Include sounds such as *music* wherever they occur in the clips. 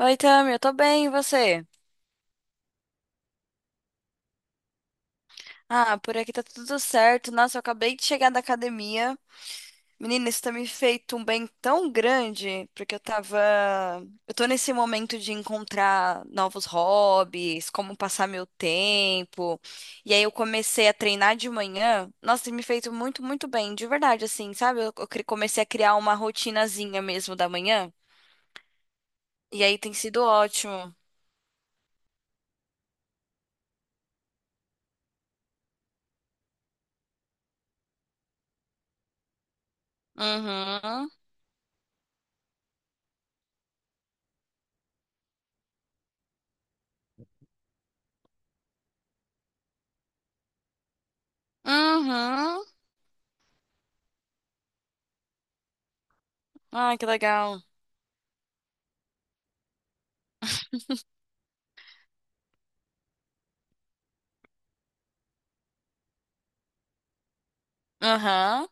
Oi, Tami, eu tô bem, e você? Ah, por aqui tá tudo certo. Nossa, eu acabei de chegar da academia. Menina, isso tá me feito um bem tão grande, porque eu tava. Eu tô nesse momento de encontrar novos hobbies, como passar meu tempo. E aí eu comecei a treinar de manhã. Nossa, tem me feito muito, muito bem, de verdade, assim, sabe? Eu comecei a criar uma rotinazinha mesmo da manhã. E aí tem sido ótimo. Uhum. Uhum. Ai, que legal. Aham.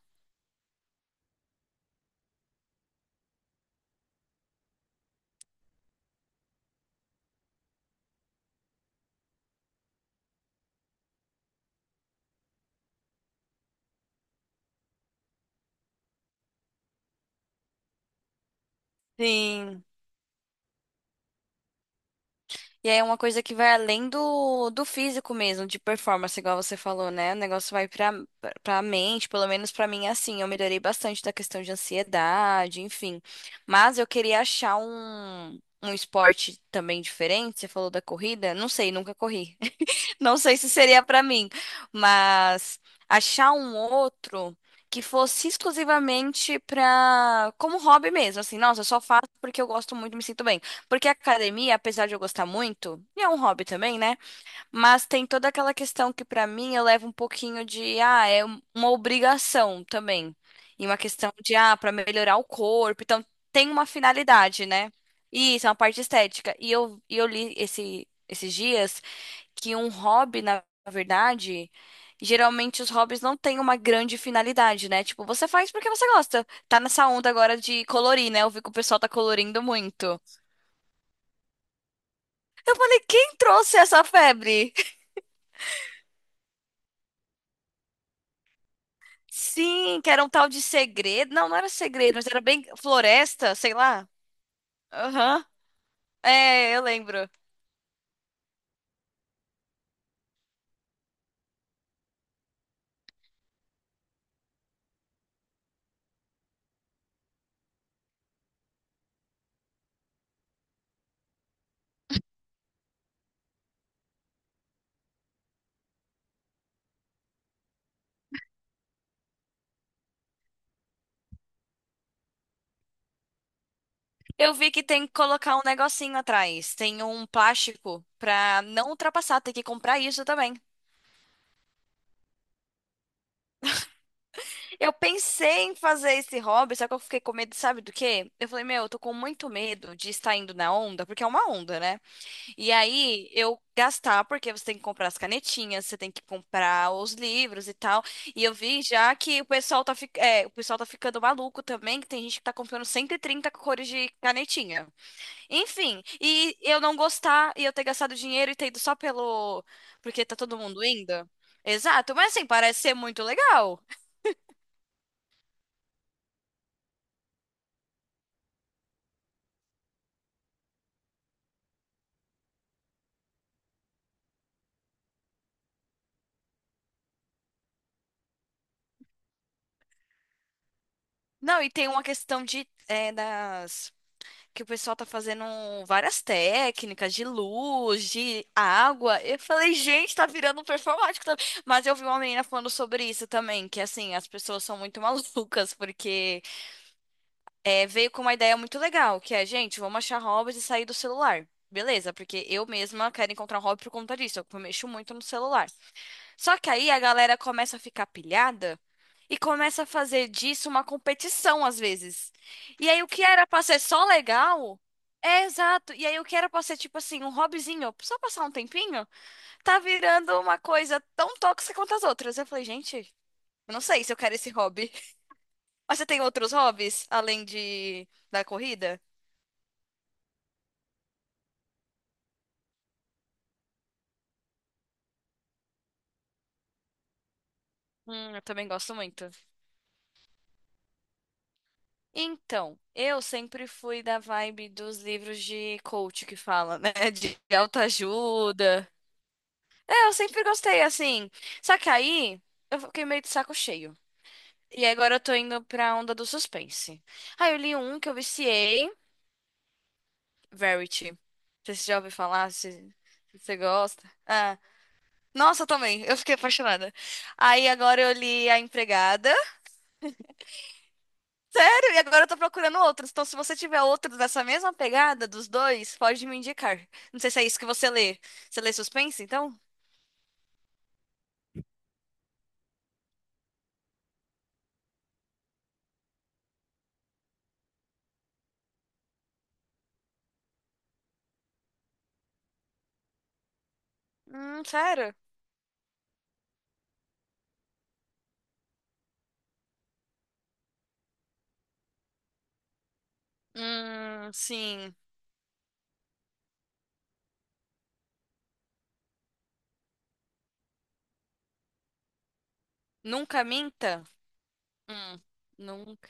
Sim. E aí é uma coisa que vai além do físico mesmo, de performance, igual você falou, né? O negócio vai pra mente, pelo menos pra mim é assim. Eu melhorei bastante da questão de ansiedade, enfim. Mas eu queria achar um esporte também diferente. Você falou da corrida? Não sei, nunca corri. Não sei se seria pra mim, mas achar um outro que fosse exclusivamente pra como hobby mesmo, assim, nossa, eu só faço porque eu gosto muito, me sinto bem. Porque a academia, apesar de eu gostar muito, e é um hobby também, né? Mas tem toda aquela questão que pra mim eu levo um pouquinho de uma obrigação também. E uma questão de, pra melhorar o corpo, então tem uma finalidade, né? Isso, é uma parte estética. E eu li esses dias que um hobby, na verdade, geralmente os hobbies não têm uma grande finalidade, né? Tipo, você faz porque você gosta. Tá nessa onda agora de colorir, né? Eu vi que o pessoal tá colorindo muito. Eu falei, quem trouxe essa febre? *laughs* Sim, que era um tal de segredo. Não, não era segredo, mas era bem floresta, sei lá. Aham. É, eu lembro. Eu vi que tem que colocar um negocinho atrás. Tem um plástico pra não ultrapassar. Tem que comprar isso também. Eu pensei em fazer esse hobby, só que eu fiquei com medo, sabe do quê? Eu falei, meu, eu tô com muito medo de estar indo na onda, porque é uma onda, né? E aí eu gastar, porque você tem que comprar as canetinhas, você tem que comprar os livros e tal. E eu vi já que o pessoal tá ficando maluco também, que tem gente que tá comprando 130 cores de canetinha. Enfim, e eu não gostar e eu ter gastado dinheiro e ter ido só pelo. Porque tá todo mundo indo. Exato, mas assim, parece ser muito legal. Não, e tem uma questão de das que o pessoal tá fazendo várias técnicas de luz, de água. Eu falei, gente, tá virando um performático também. Mas eu vi uma menina falando sobre isso também, que assim, as pessoas são muito *laughs* malucas porque veio com uma ideia muito legal, que é, gente, vamos achar hobbies e sair do celular. Beleza, porque eu mesma quero encontrar um hobby por conta disso, eu mexo muito no celular. Só que aí a galera começa a ficar pilhada e começa a fazer disso uma competição às vezes. E aí o que era pra ser só legal, é exato. E aí o que era pra ser tipo assim, um hobbyzinho, só passar um tempinho, tá virando uma coisa tão tóxica quanto as outras. Eu falei, gente, eu não sei se eu quero esse hobby. Mas você tem outros hobbies além de da corrida? Eu também gosto muito. Então, eu sempre fui da vibe dos livros de coach que fala, né? *laughs* De autoajuda. É, eu sempre gostei, assim. Só que aí eu fiquei meio de saco cheio. E agora eu tô indo pra onda do suspense. Aí eu li um que eu viciei, Verity. Não sei se você já ouviu falar, se você gosta. Ah, nossa, eu também. Eu fiquei apaixonada. Aí agora eu li A Empregada. E agora eu tô procurando outros. Então, se você tiver outros dessa mesma pegada dos dois, pode me indicar. Não sei se é isso que você lê. Você lê suspense, então? Sério? Sim. Nunca minta? Hum, nunca.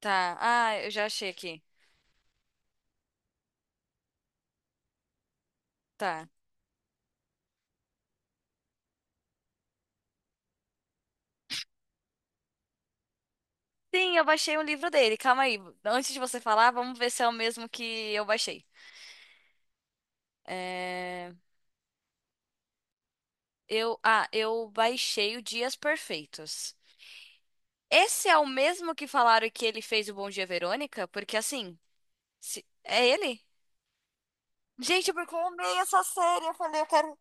Tá. Ah, eu já achei aqui. Tá. Sim, eu baixei um livro dele. Calma aí. Antes de você falar, vamos ver se é o mesmo que eu baixei. É... Ah, eu baixei o Dias Perfeitos. Esse é o mesmo que falaram que ele fez o Bom Dia, Verônica? Porque assim. É ele? Gente, porque eu amei essa série. Eu falei, eu quero.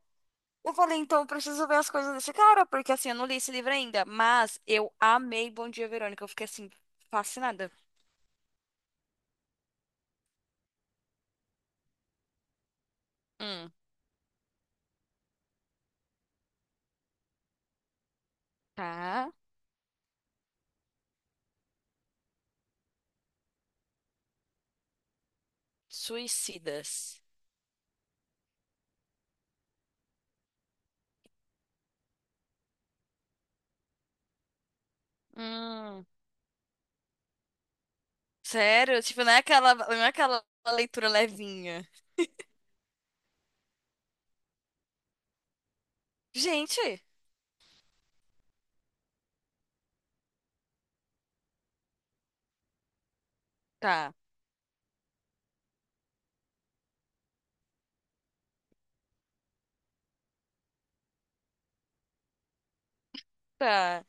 Eu falei, então eu preciso ver as coisas desse cara, porque assim, eu não li esse livro ainda. Mas eu amei Bom Dia, Verônica. Eu fiquei assim, fascinada. Hum, tá. Suicidas. Hum. Sério? Tipo, não é aquela leitura levinha. Gente, tá, tá.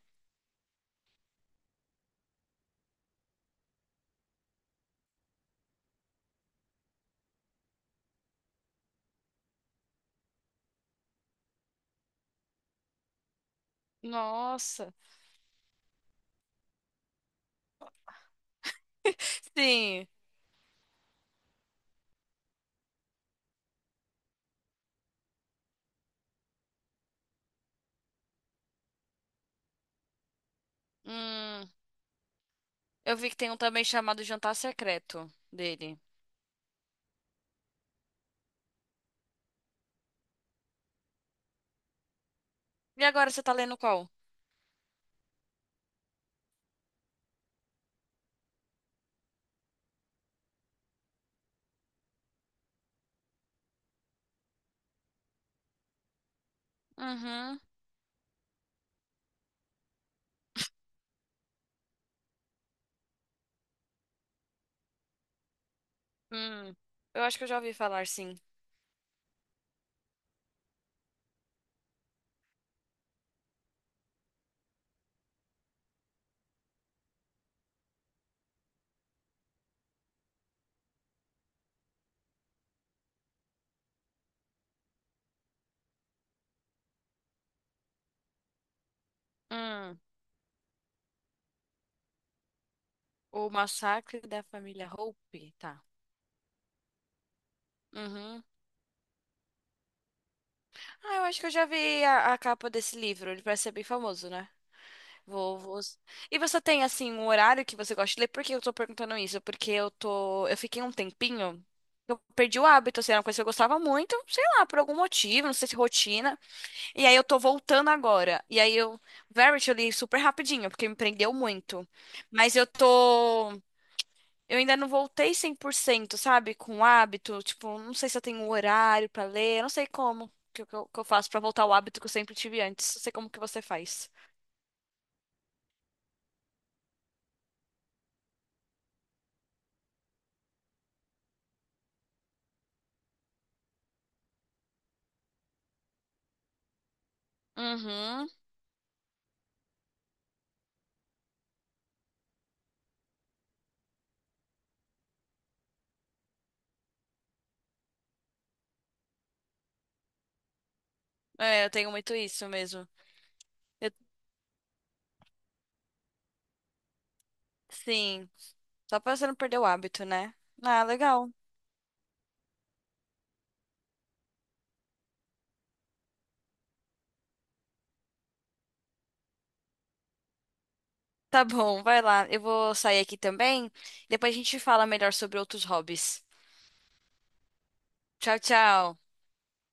Nossa. Sim. Hum. Eu vi que tem um também chamado Jantar Secreto dele. E agora você tá lendo qual? Uhum. Hum, eu acho que eu já ouvi falar, sim. Hum, o massacre da família Hope, tá. Uhum. Ah, eu acho que eu já vi a capa desse livro. Ele parece ser bem famoso, né? Vou. E você tem, assim, um horário que você gosta de ler? Por que eu tô perguntando isso? Porque eu tô... Eu fiquei um tempinho... Eu perdi o hábito, assim, era uma coisa que eu gostava muito, sei lá, por algum motivo, não sei se rotina. E aí eu tô voltando agora. E aí eu... Verity eu li super rapidinho, porque me prendeu muito. Mas eu tô... Eu ainda não voltei 100%, sabe? Com o hábito. Tipo, não sei se eu tenho um horário pra ler. Eu não sei como que eu faço pra voltar ao hábito que eu sempre tive antes. Não sei como que você faz. Uhum. É, eu tenho muito isso mesmo. Eu- sim. Só pra você não perder o hábito, né? Ah, legal. Tá bom, vai lá. Eu vou sair aqui também. Depois a gente fala melhor sobre outros hobbies. Tchau, tchau.